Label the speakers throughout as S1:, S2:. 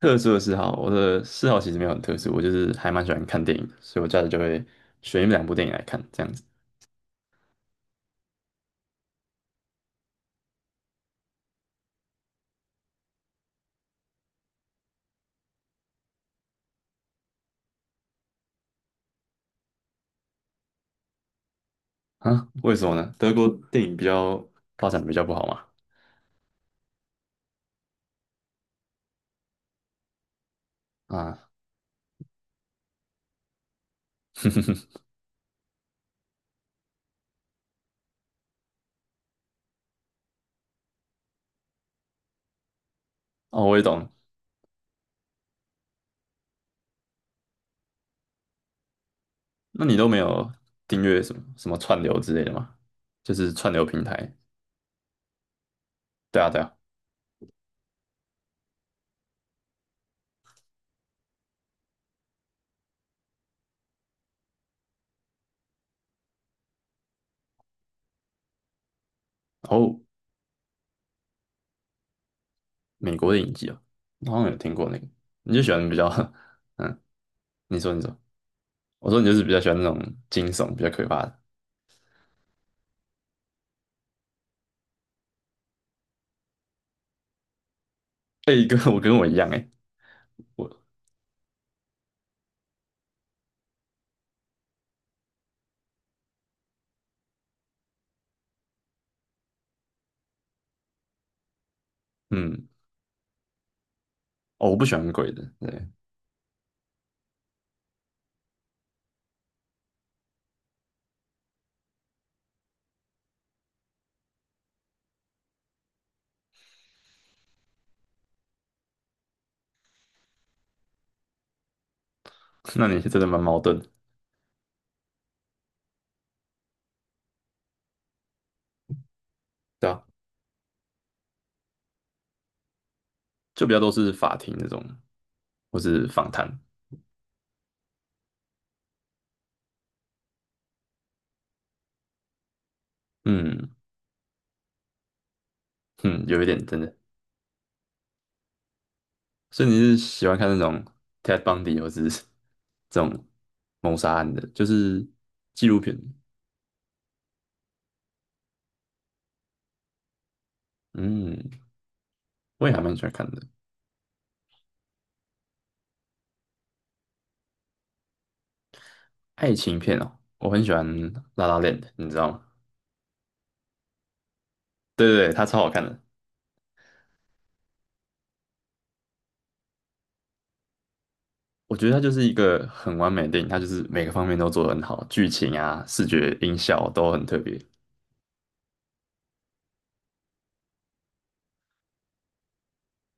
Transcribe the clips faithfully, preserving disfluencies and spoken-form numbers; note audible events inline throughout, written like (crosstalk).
S1: 特殊的嗜好，我的嗜好其实没有很特殊，我就是还蛮喜欢看电影的，所以我假日就会选一两部电影来看，这样子。啊？为什么呢？德国电影比较发展比较不好嘛？啊，(laughs) 哦，我也懂。那你都没有订阅什么什么串流之类的吗？就是串流平台。对啊，对啊。哦，美国的影集哦，我好像有听过那个。你就喜欢比较，(laughs) 嗯，你说你说，我说你就是比较喜欢那种惊悚、比较可怕的。哎、跟我跟我一样哎、我嗯。哦，我不喜欢鬼的，对，(laughs) 那你是真的蛮矛盾的，对啊，就比较都是法庭那种，或是访谈，嗯嗯，有一点真的，所以你是喜欢看那种 Ted Bundy 或是 (laughs) 这种谋杀案的，就是纪录片，嗯，我也还蛮喜欢看的，爱情片哦，我很喜欢《La La Land》，你知道吗？对对对，它超好看的。我觉得它就是一个很完美的电影，它就是每个方面都做得很好，剧情啊、视觉、音效都很特别。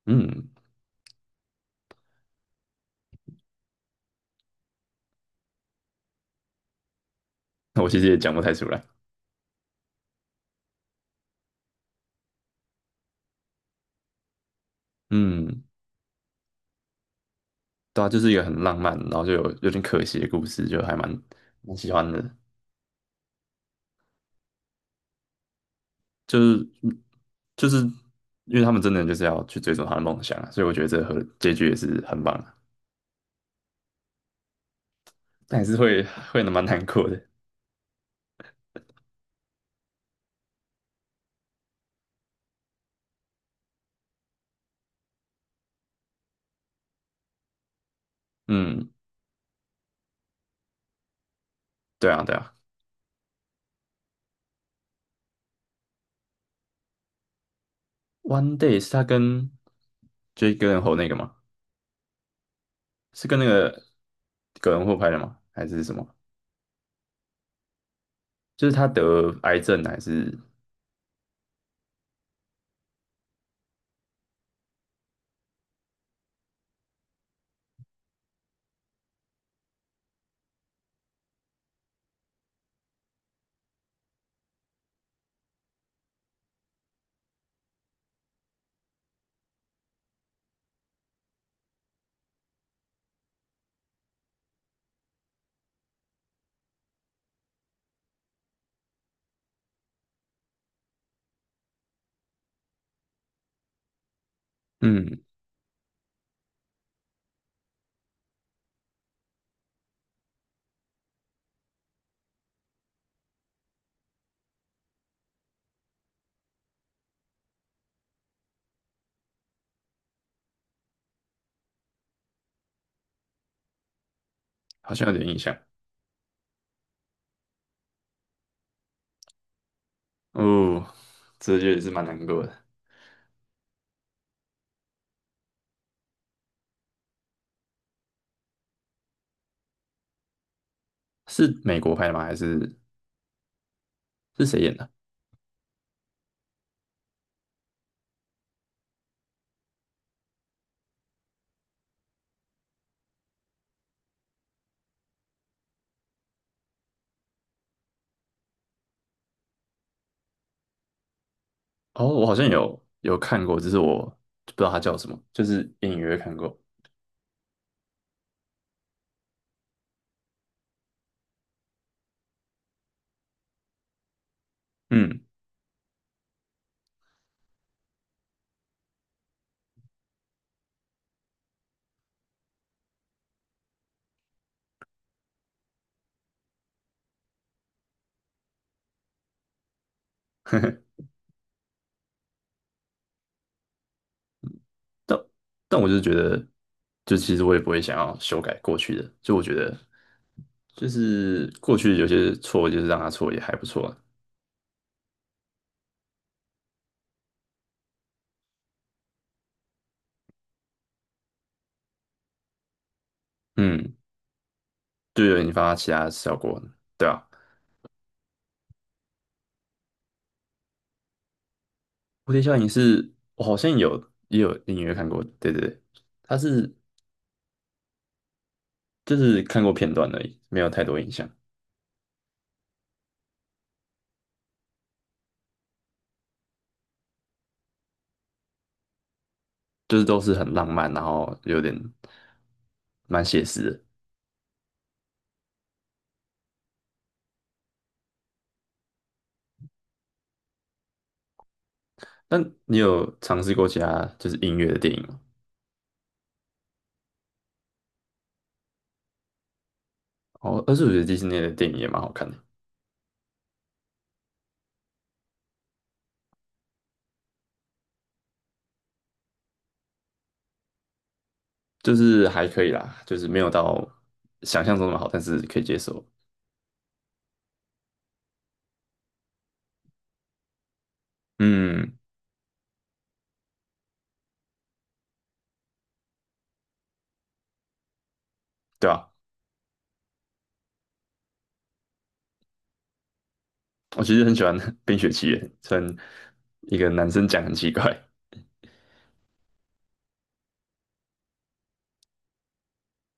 S1: 嗯，我其实也讲不太出来。嗯，对啊，就是一个很浪漫，然后就有有点可惜的故事，就还蛮蛮喜欢的。就是就是因为他们真的就是要去追逐他的梦想啊，所以我觉得这个和结局也是很棒的，但也是会会蛮难过的。嗯，对啊，对啊。One Day 是他跟 Jake g 那个吗？是跟那个葛伦霍拍的吗？还是什么？就是他得癌症还是嗯，好像有点印象。哦，这就也是蛮难过的。是美国拍的吗？还是是谁演的？哦，我好像有有看过，只是我不知道他叫什么，就是隐约看过。嗯，(laughs) 呵呵但但我就是觉得，就其实我也不会想要修改过去的，就我觉得就是过去有些错，就是让它错也还不错啊。嗯，就有引发其他效果，对啊。蝴蝶效应是我好像有也有隐约看过，对对对，它是就是看过片段而已，没有太多印象。就是都是很浪漫，然后有点蛮写实的。但你有尝试过其他就是音乐的电影吗？哦，但是我觉得迪士尼的电影也蛮好看的，就是还可以啦，就是没有到想象中那么好，但是可以接受。嗯，对啊，我其实很喜欢 (laughs)《冰雪奇缘》，虽然一个男生讲很奇怪，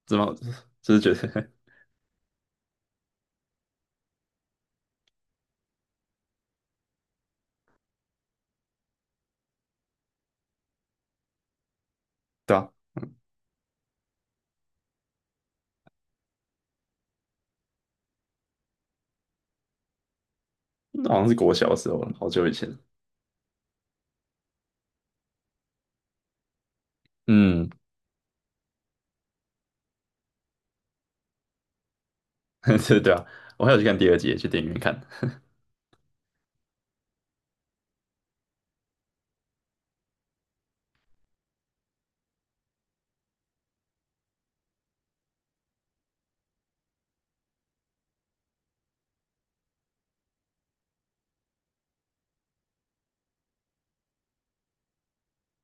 S1: 怎么就是觉得 (laughs) 对啊，那好像是国小的时候了好久以前。嗯，(laughs) 对对啊，我还有去看第二集，去电影院看。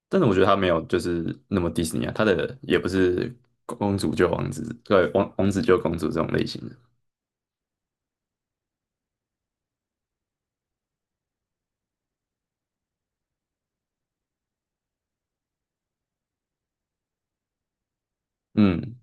S1: 但是我觉得他没有就是那么迪士尼啊，他的也不是公主救王子，对，王王子救公主这种类型的。嗯，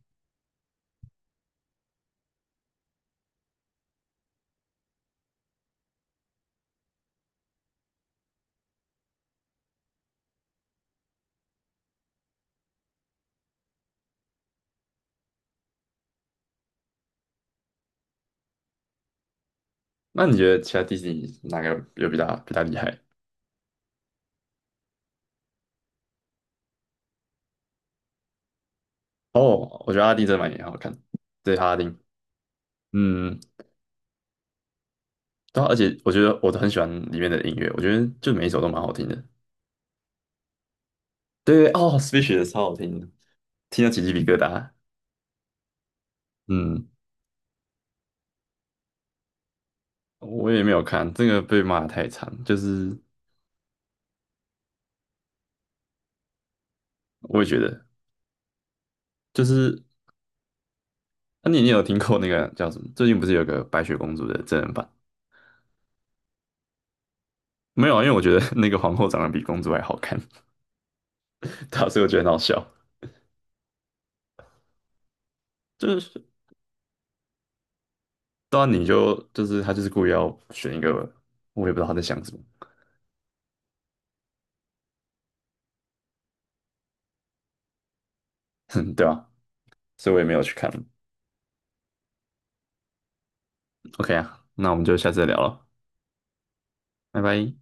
S1: 那你觉得其他迪士尼哪个有比较比较厉害？哦，我觉得阿拉丁真的蛮也很好看，对，阿拉丁，嗯，对啊，而且我觉得我都很喜欢里面的音乐，我觉得就每一首都蛮好听的。对，哦 s p e e c h l e 超好听的，听到起鸡皮疙瘩。嗯，我也没有看，这个被骂得太惨，就是我也觉得，就是那、啊你你有听过那个叫什么？最近不是有个白雪公主的真人版？没有啊，因为我觉得 (laughs) 那个皇后长得比公主还好看，(laughs) 对啊所以我觉得很好笑。就是当然你就就是他就是故意要选一个，我也不知道他在想什么，(laughs) 哼，对啊，所以我也没有去看。OK 啊，那我们就下次再聊了，拜拜。